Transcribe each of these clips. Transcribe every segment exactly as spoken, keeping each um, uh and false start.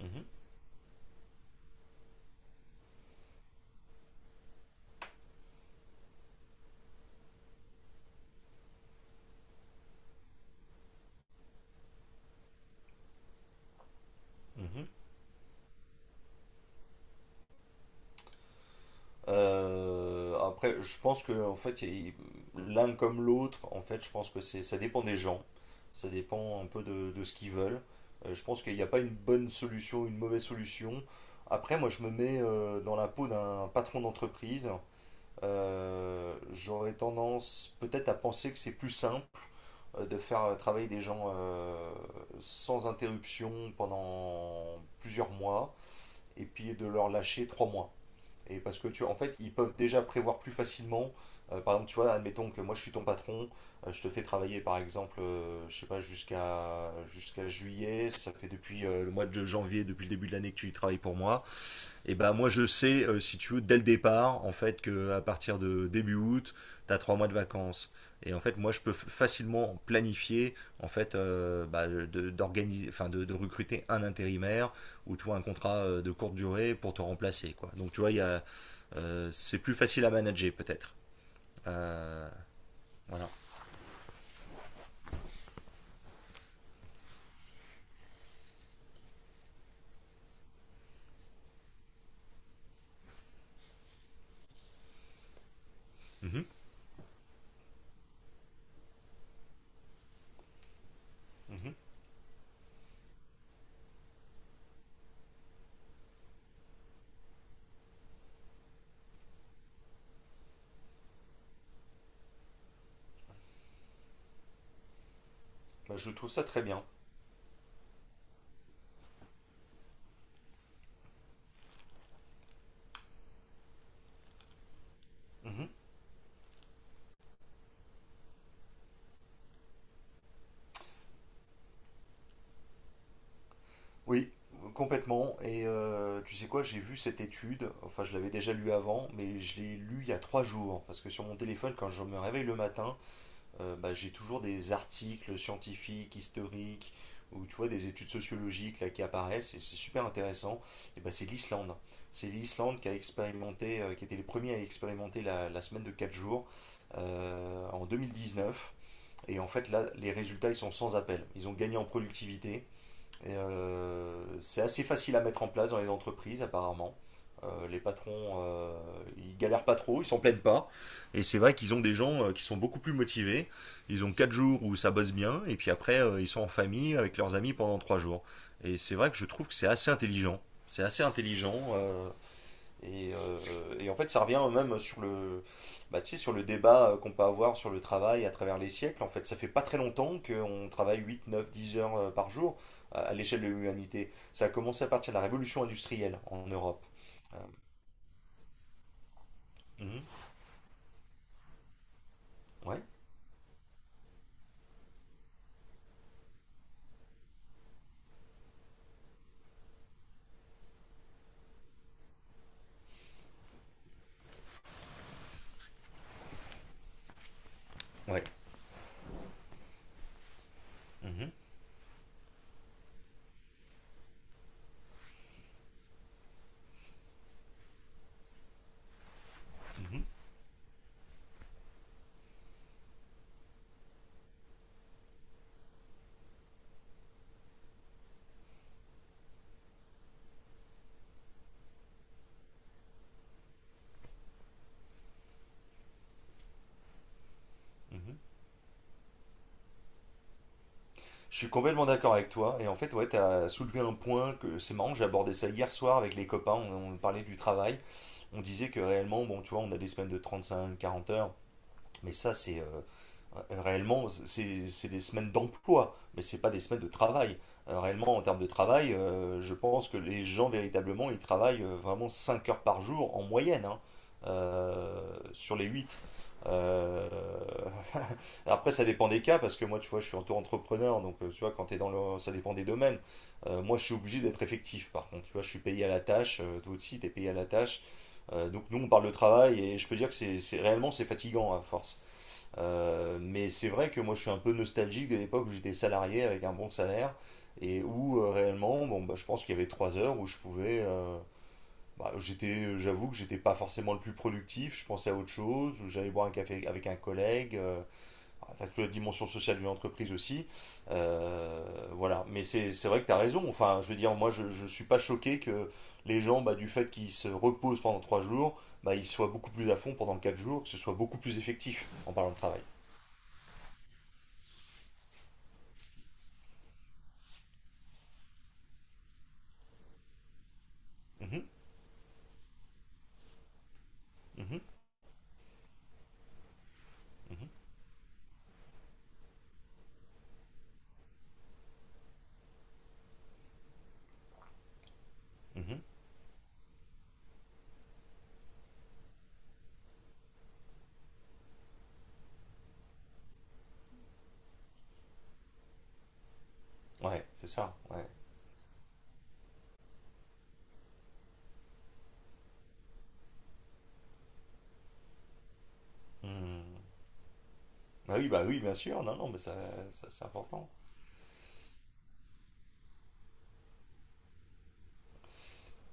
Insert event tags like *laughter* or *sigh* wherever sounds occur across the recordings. Mhm, mhm. Euh, après, je pense que en fait, il- l'un comme l'autre, en fait, je pense que c'est, ça dépend des gens, ça dépend un peu de, de ce qu'ils veulent. Euh, je pense qu'il n'y a pas une bonne solution, une mauvaise solution. Après, moi, je me mets euh, dans la peau d'un patron d'entreprise. Euh, j'aurais tendance peut-être à penser que c'est plus simple euh, de faire euh, travailler des gens euh, sans interruption pendant plusieurs mois et puis de leur lâcher trois mois. Et parce que tu vois, en fait, ils peuvent déjà prévoir plus facilement. Euh, par exemple, tu vois, admettons que moi je suis ton patron, euh, je te fais travailler par exemple, euh, je sais pas, jusqu'à jusqu'à juillet, ça fait depuis euh, le mois de janvier, depuis le début de l'année que tu y travailles pour moi. Et ben moi je sais, euh, si tu veux, dès le départ, en fait, que à partir de début août, tu as trois mois de vacances. Et en fait, moi je peux f- facilement planifier, en fait, euh, bah, de, d'organiser, enfin, de, de recruter un intérimaire ou tu vois, un contrat euh, de courte durée pour te remplacer, quoi. Donc tu vois, il y a euh, c'est plus facile à manager peut-être. Euh, voilà. Mhm. Mhm. Bah, je trouve ça très bien. Mhm. Oui, complètement. Et euh, tu sais quoi, j'ai vu cette étude, enfin je l'avais déjà lu avant, mais je l'ai lu il y a trois jours, parce que sur mon téléphone, quand je me réveille le matin, euh, bah, j'ai toujours des articles scientifiques, historiques, ou tu vois, des études sociologiques là, qui apparaissent, et c'est super intéressant. Et bah, c'est l'Islande. C'est l'Islande qui a expérimenté, euh, qui était les premiers à expérimenter la, la semaine de quatre jours euh, en deux mille dix-neuf. Et en fait, là, les résultats, ils sont sans appel. Ils ont gagné en productivité, et, euh, c'est assez facile à mettre en place dans les entreprises, apparemment. Euh, les patrons, euh, ils galèrent pas trop, ils s'en plaignent pas. Et c'est vrai qu'ils ont des gens euh, qui sont beaucoup plus motivés. Ils ont quatre jours où ça bosse bien, et puis après, euh, ils sont en famille avec leurs amis pendant trois jours. Et c'est vrai que je trouve que c'est assez intelligent. C'est assez intelligent. euh, et, euh, et en fait, ça revient même sur le, bah, tu sais, sur le débat qu'on peut avoir sur le travail à travers les siècles. En fait, ça fait pas très longtemps qu'on travaille huit neuf dix heures euh, par jour à à l'échelle de l'humanité. Ça a commencé à partir de la révolution industrielle en Europe. Euh, mhm, ouais, ouais. Mhm, mhm, mhm. Je suis complètement d'accord avec toi. Et en fait, ouais, tu as soulevé un point que c'est marrant, j'ai abordé ça hier soir avec les copains. On, on parlait du travail. On disait que réellement, bon, tu vois, on a des semaines de trente cinq quarante heures. Mais ça, c'est euh, Euh, réellement, c'est c'est des semaines d'emploi, mais c'est pas des semaines de travail. Euh, réellement, en termes de travail, euh, je pense que les gens, véritablement, ils travaillent euh, vraiment cinq heures par jour en moyenne, hein, euh, sur les huit. Euh, *laughs* Après, ça dépend des cas, parce que moi, tu vois, je suis auto-entrepreneur, donc euh, tu vois, quand t'es dans le, ça dépend des domaines. Euh, moi, je suis obligé d'être effectif, par contre, tu vois, je suis payé à la tâche, euh, toi aussi, tu payé à la tâche. Euh, donc, nous, on parle de travail, et je peux dire que c'est c'est- réellement, c'est fatigant à force. Euh, mais c'est vrai que moi je suis un peu nostalgique de l'époque où j'étais salarié avec un bon salaire et où euh, réellement, bon, bah, je pense qu'il y avait trois heures où je pouvais. euh, bah, j'étais, j'avoue que j'étais pas forcément le plus productif, je pensais à autre chose, où j'allais boire un café avec un collègue. Euh, ah, t'as toute la dimension sociale d'une entreprise aussi. Euh, voilà, mais c'est c'est vrai que t'as raison. Enfin, je veux dire, moi je, je suis pas choqué que les gens, bah, du fait qu'ils se reposent pendant trois jours, bah, ils soient beaucoup plus à fond pendant quatre jours, que ce soit beaucoup plus effectif en parlant de travail. Mhm. Mhm, mhm, mhm. Ouais, c'est ça. Ouais. Hmm. Bah oui, bah oui, bien sûr. Non, non, mais ça, ça, c'est important.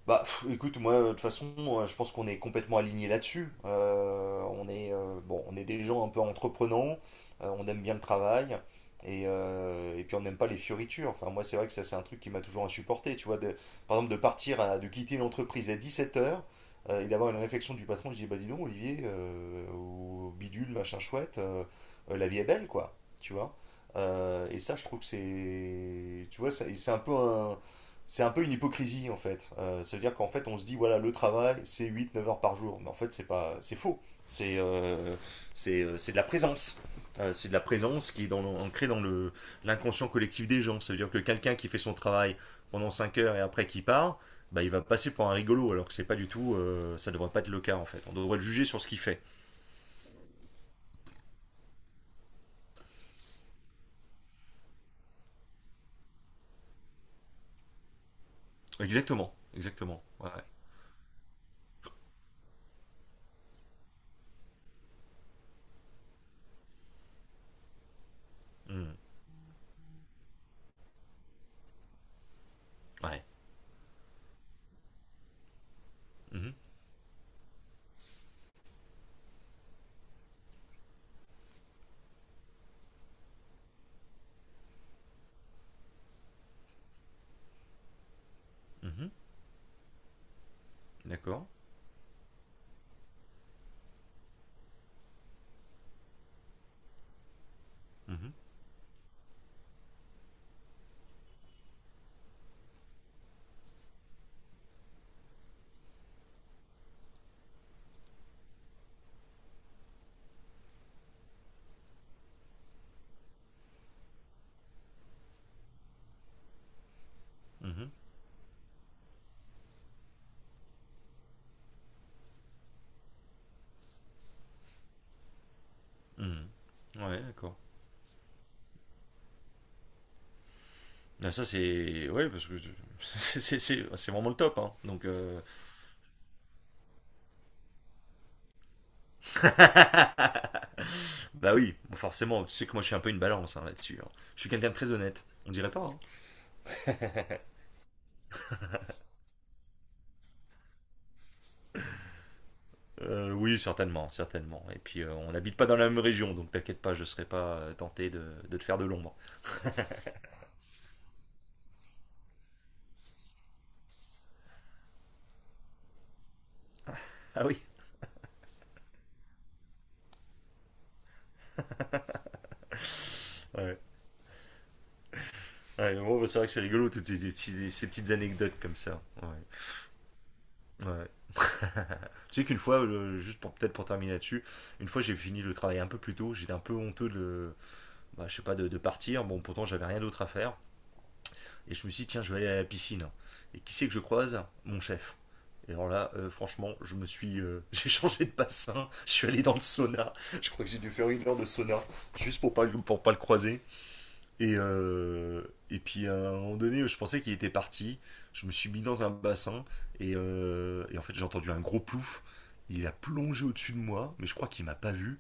Bah, pff, écoute, moi, de toute façon, euh, je pense qu'on est complètement alignés là-dessus. Euh, on est, euh, bon, on est des gens un peu entreprenants, euh, on aime bien le travail, et, euh, et puis on n'aime pas les fioritures. Enfin, moi, c'est vrai que ça, c'est un truc qui m'a toujours insupporté, tu vois, de, par exemple, de partir, à- de quitter l'entreprise à dix-sept heures, et d'avoir une réflexion du patron, je dis, bah dis donc, Olivier, euh, au bidule, machin chouette, euh, euh, la vie est belle, quoi, tu vois. Euh, et ça, je trouve que c'est, tu vois, ça- et c'est un peu un c'est un peu une hypocrisie en fait. Euh, ça veut dire qu'en fait on se dit voilà le travail c'est huit neuf heures par jour. Mais en fait c'est pas c'est faux. C'est euh, c'est euh, c'est de la présence. Euh, c'est de la présence qui est dans, ancrée dans le l'inconscient collectif des gens. Ça veut dire que quelqu'un qui fait son travail pendant cinq heures et après qui part, bah, il va passer pour un rigolo alors que c'est pas du tout euh, ça devrait pas être le cas en fait. On devrait le juger sur ce qu'il fait. Exactement, exactement. Ouais. Mhm. Ouais. Mhm. Mhm. D'accord. Mhm. Mhm. Mhm. Ouais, d'accord. Ben ça, c'est. Ouais, parce que je- *laughs* c'est- c'est c'est- c'est vraiment le top. Hein. Donc, euh, bah oui, forcément. Tu sais que moi, je suis un peu une balance hein, là-dessus. Hein. Je suis quelqu'un de très honnête. On dirait pas. Hein. Euh, oui, certainement, certainement. Et puis, euh, on n'habite pas dans la même région, donc t'inquiète pas, je serais pas euh, tenté de, de te faire de l'ombre. *laughs* Ah oui. Ouais. Ouais, bon, bah, c'est vrai que c'est rigolo, toutes ces, ces- ces petites anecdotes comme ça. Ouais. Ouais. Tu sais qu'une fois, euh, juste pour peut-être pour terminer là-dessus, une fois j'ai fini le travail un peu plus tôt, j'étais un peu honteux de, bah, je sais pas, de, de partir. Bon, pourtant j'avais rien d'autre à faire. Et je me suis dit, tiens, je vais aller à la piscine. Et qui c'est que je croise Mon chef. Et alors là, euh, franchement, je me suis, euh, *laughs* j'ai changé de bassin, je suis allé dans le sauna. Je crois que j'ai dû faire une heure de sauna juste pour pas le- pour pas le croiser. Et euh, et puis à un moment donné, je pensais qu'il était parti. Je me suis mis dans un bassin et, euh, et en fait j'ai entendu un gros plouf. Il a plongé au-dessus de moi, mais je crois qu'il m'a pas vu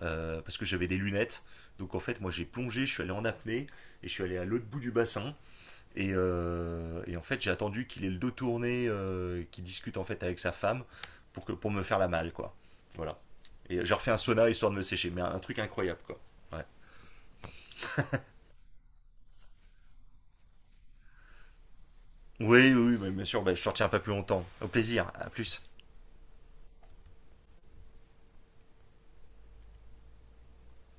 euh, parce que j'avais des lunettes. Donc en fait, moi j'ai plongé, je suis allé en apnée et je suis allé à l'autre bout du bassin. Et, euh, et en fait, j'ai attendu qu'il ait le dos tourné, euh, qu'il discute en fait avec sa femme pour, que, pour me faire la malle, quoi. Voilà. Et j'ai refait un sauna histoire de me sécher, mais un, un truc incroyable, quoi. Ouais. Oui, oui, oui, bien sûr, bah, je ne retiens pas plus longtemps. Au plaisir, à plus.